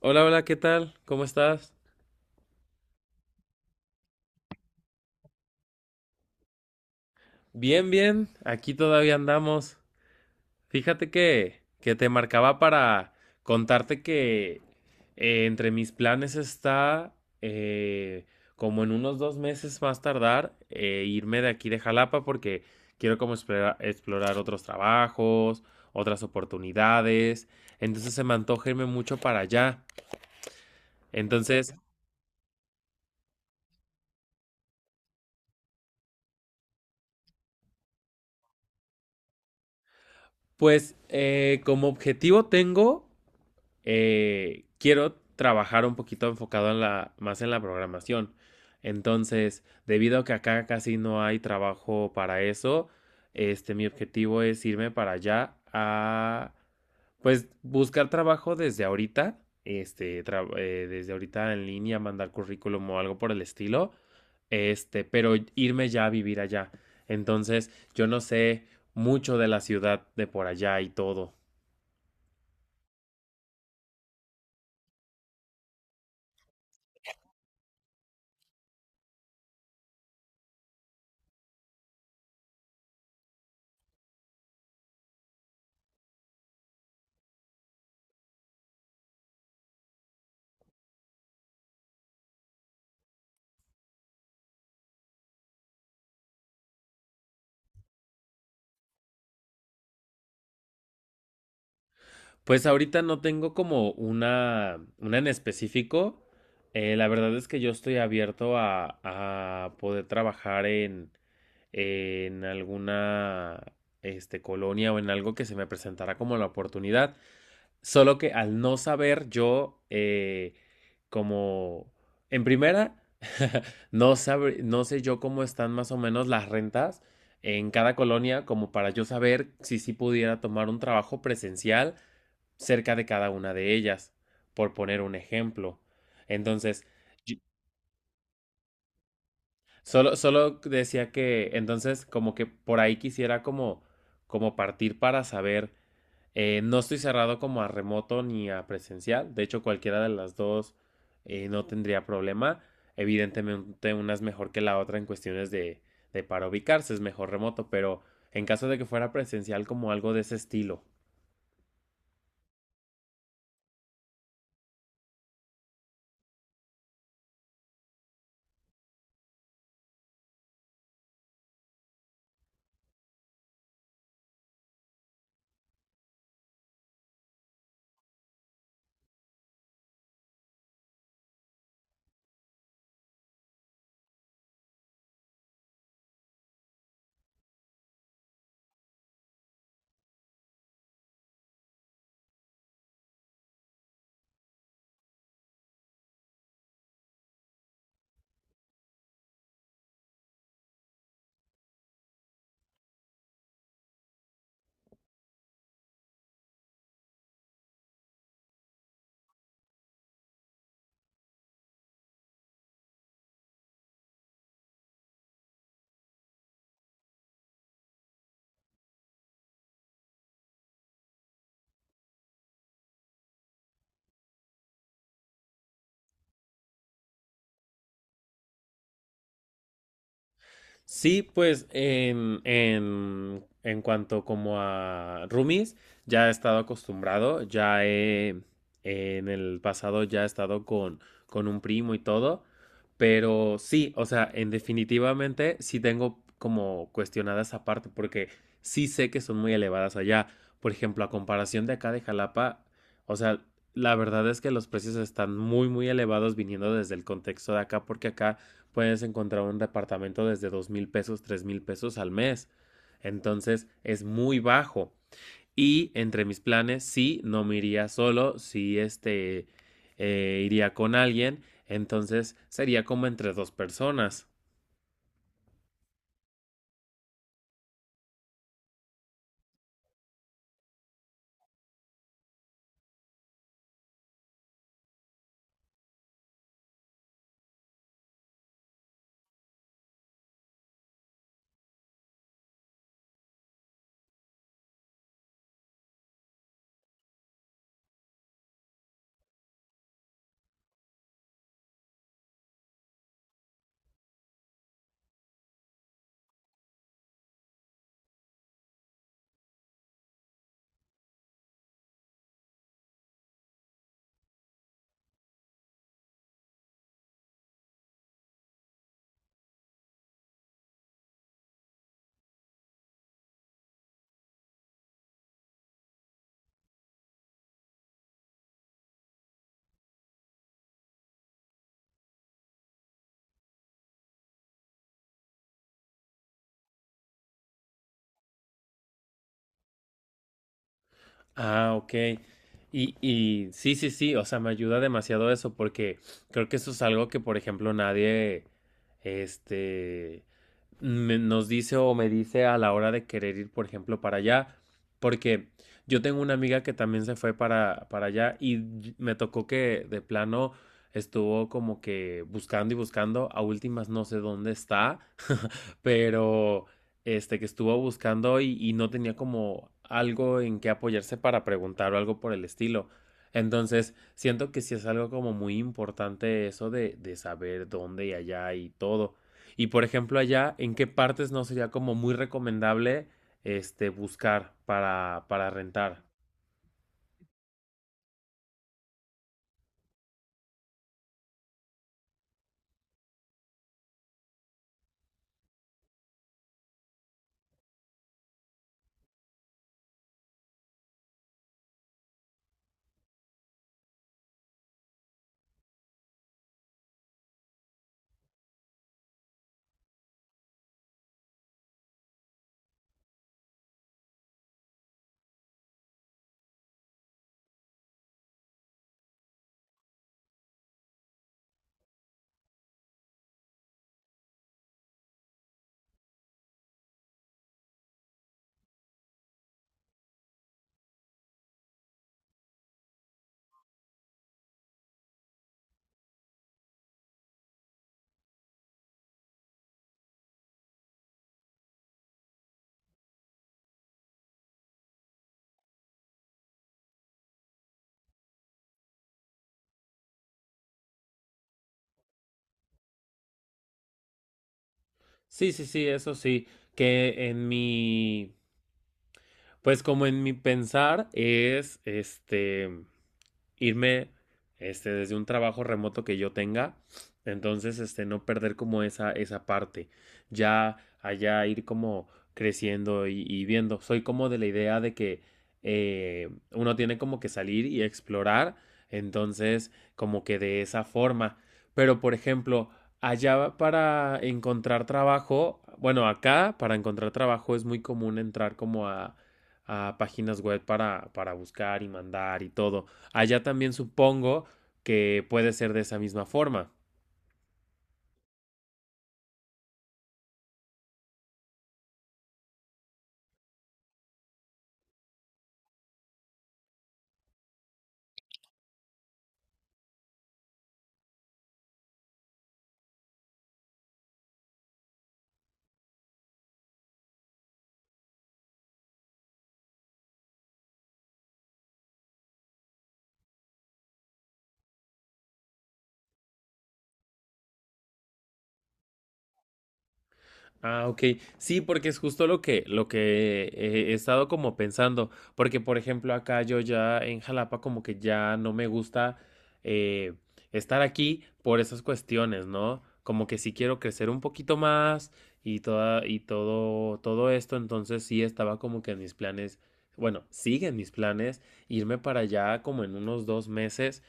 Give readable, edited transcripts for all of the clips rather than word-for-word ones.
Hola, hola, ¿qué tal? ¿Cómo estás? Bien, bien, aquí todavía andamos. Fíjate que te marcaba para contarte que entre mis planes está, eh, como en unos 2 meses más tardar, irme de aquí de Jalapa porque quiero como explorar otros trabajos, otras oportunidades. Entonces se me antoja irme mucho para allá. Entonces, pues como objetivo tengo. Quiero trabajar un poquito enfocado más en la programación. Entonces, debido a que acá casi no hay trabajo para eso, este, mi objetivo es irme para allá a, pues, buscar trabajo desde ahorita, este, desde ahorita en línea, mandar currículum o algo por el estilo, este, pero irme ya a vivir allá. Entonces, yo no sé mucho de la ciudad de por allá y todo. Pues ahorita no tengo como una en específico. La verdad es que yo estoy abierto a poder trabajar en alguna este, colonia o en algo que se me presentara como la oportunidad. Solo que al no saber yo, como en primera, no sé yo cómo están más o menos las rentas en cada colonia como para yo saber si sí pudiera tomar un trabajo presencial cerca de cada una de ellas, por poner un ejemplo. Entonces, yo- solo decía que, entonces, como que por ahí quisiera como partir para saber, no estoy cerrado como a remoto ni a presencial, de hecho cualquiera de las dos no tendría problema, evidentemente una es mejor que la otra en cuestiones de para ubicarse, es mejor remoto, pero en caso de que fuera presencial como algo de ese estilo. Sí, pues en cuanto como a roomies, ya he estado acostumbrado, en el pasado ya he estado con un primo y todo, pero sí, o sea, en definitivamente sí tengo como cuestionada esa parte, porque sí sé que son muy elevadas allá. Por ejemplo, a comparación de acá de Jalapa, o sea, la verdad es que los precios están muy, muy elevados viniendo desde el contexto de acá, porque acá puedes encontrar un departamento desde $2,000, $3,000 al mes. Entonces es muy bajo. Y entre mis planes, sí, no me iría solo, sí, este, iría con alguien. Entonces sería como entre dos personas. Ah, ok. Y sí, sí, sí, o sea, me ayuda demasiado eso porque creo que eso es algo que, por ejemplo, nadie, este, nos dice o me dice a la hora de querer ir, por ejemplo, para allá, porque yo tengo una amiga que también se fue para allá y me tocó que de plano estuvo como que buscando y buscando, a últimas no sé dónde está, pero este que estuvo buscando y no tenía como algo en qué apoyarse para preguntar o algo por el estilo. Entonces, siento que sí es algo como muy importante eso de saber dónde y allá y todo. Y por ejemplo, allá, ¿en qué partes no sería como muy recomendable este buscar para rentar? Sí, sí, sí, eso sí. Que pues como en mi pensar es este irme este, desde un trabajo remoto que yo tenga. Entonces, este, no perder como esa parte. Ya allá ir como creciendo y viendo. Soy como de la idea de que uno tiene como que salir y explorar. Entonces, como que de esa forma. Pero, por ejemplo, allá para encontrar trabajo, bueno, acá para encontrar trabajo es muy común entrar como a páginas web para buscar y mandar y todo. Allá también supongo que puede ser de esa misma forma. Ah, ok. Sí, porque es justo lo que, he estado como pensando. Porque, por ejemplo, acá yo ya en Jalapa como que ya no me gusta eh, estar aquí por esas cuestiones, ¿no? Como que sí quiero crecer un poquito más y y todo, todo esto. Entonces sí estaba como que en mis planes, bueno, siguen mis planes irme para allá como en unos 2 meses.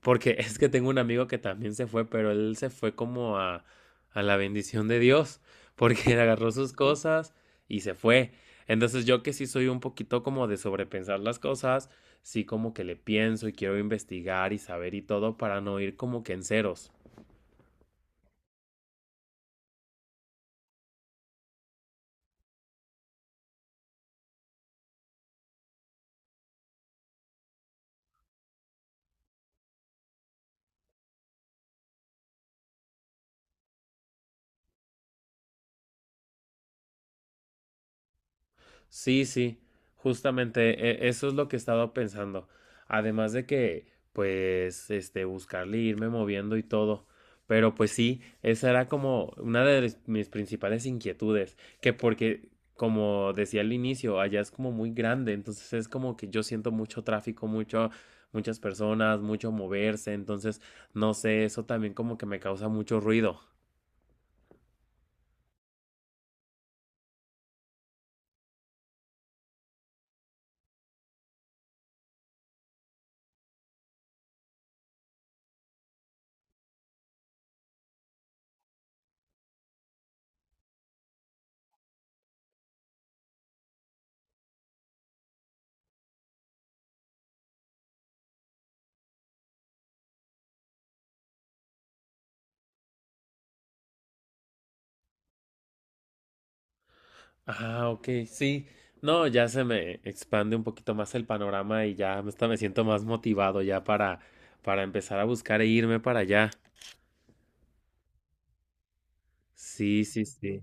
Porque es que tengo un amigo que también se fue, pero él se fue como a la bendición de Dios, porque él agarró sus cosas y se fue. Entonces yo que sí soy un poquito como de sobrepensar las cosas, sí como que le pienso y quiero investigar y saber y todo para no ir como que en ceros. Sí, sí, justamente eso es lo que he estado pensando. Además de que, pues, este, buscarle, e irme moviendo y todo. Pero pues sí, esa era como una de mis principales inquietudes, que porque, como decía al inicio, allá es como muy grande, entonces es como que yo siento mucho tráfico, mucho, muchas personas, mucho moverse, entonces, no sé, eso también como que me causa mucho ruido. Ah, ok, sí. No, ya se me expande un poquito más el panorama y ya hasta me siento más motivado ya para, empezar a buscar e irme para allá. Sí, sí, sí.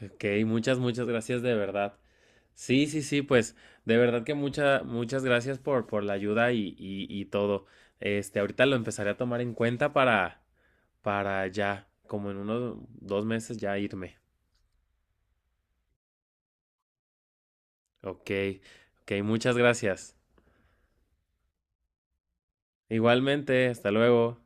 Ok, muchas, muchas gracias de verdad. Sí, sí, sí, pues de verdad que muchas, muchas gracias por la ayuda y todo. Este, ahorita lo empezaré a tomar en cuenta para, ya, como en unos 2 meses ya irme. Ok, ok, muchas gracias. Igualmente, hasta luego.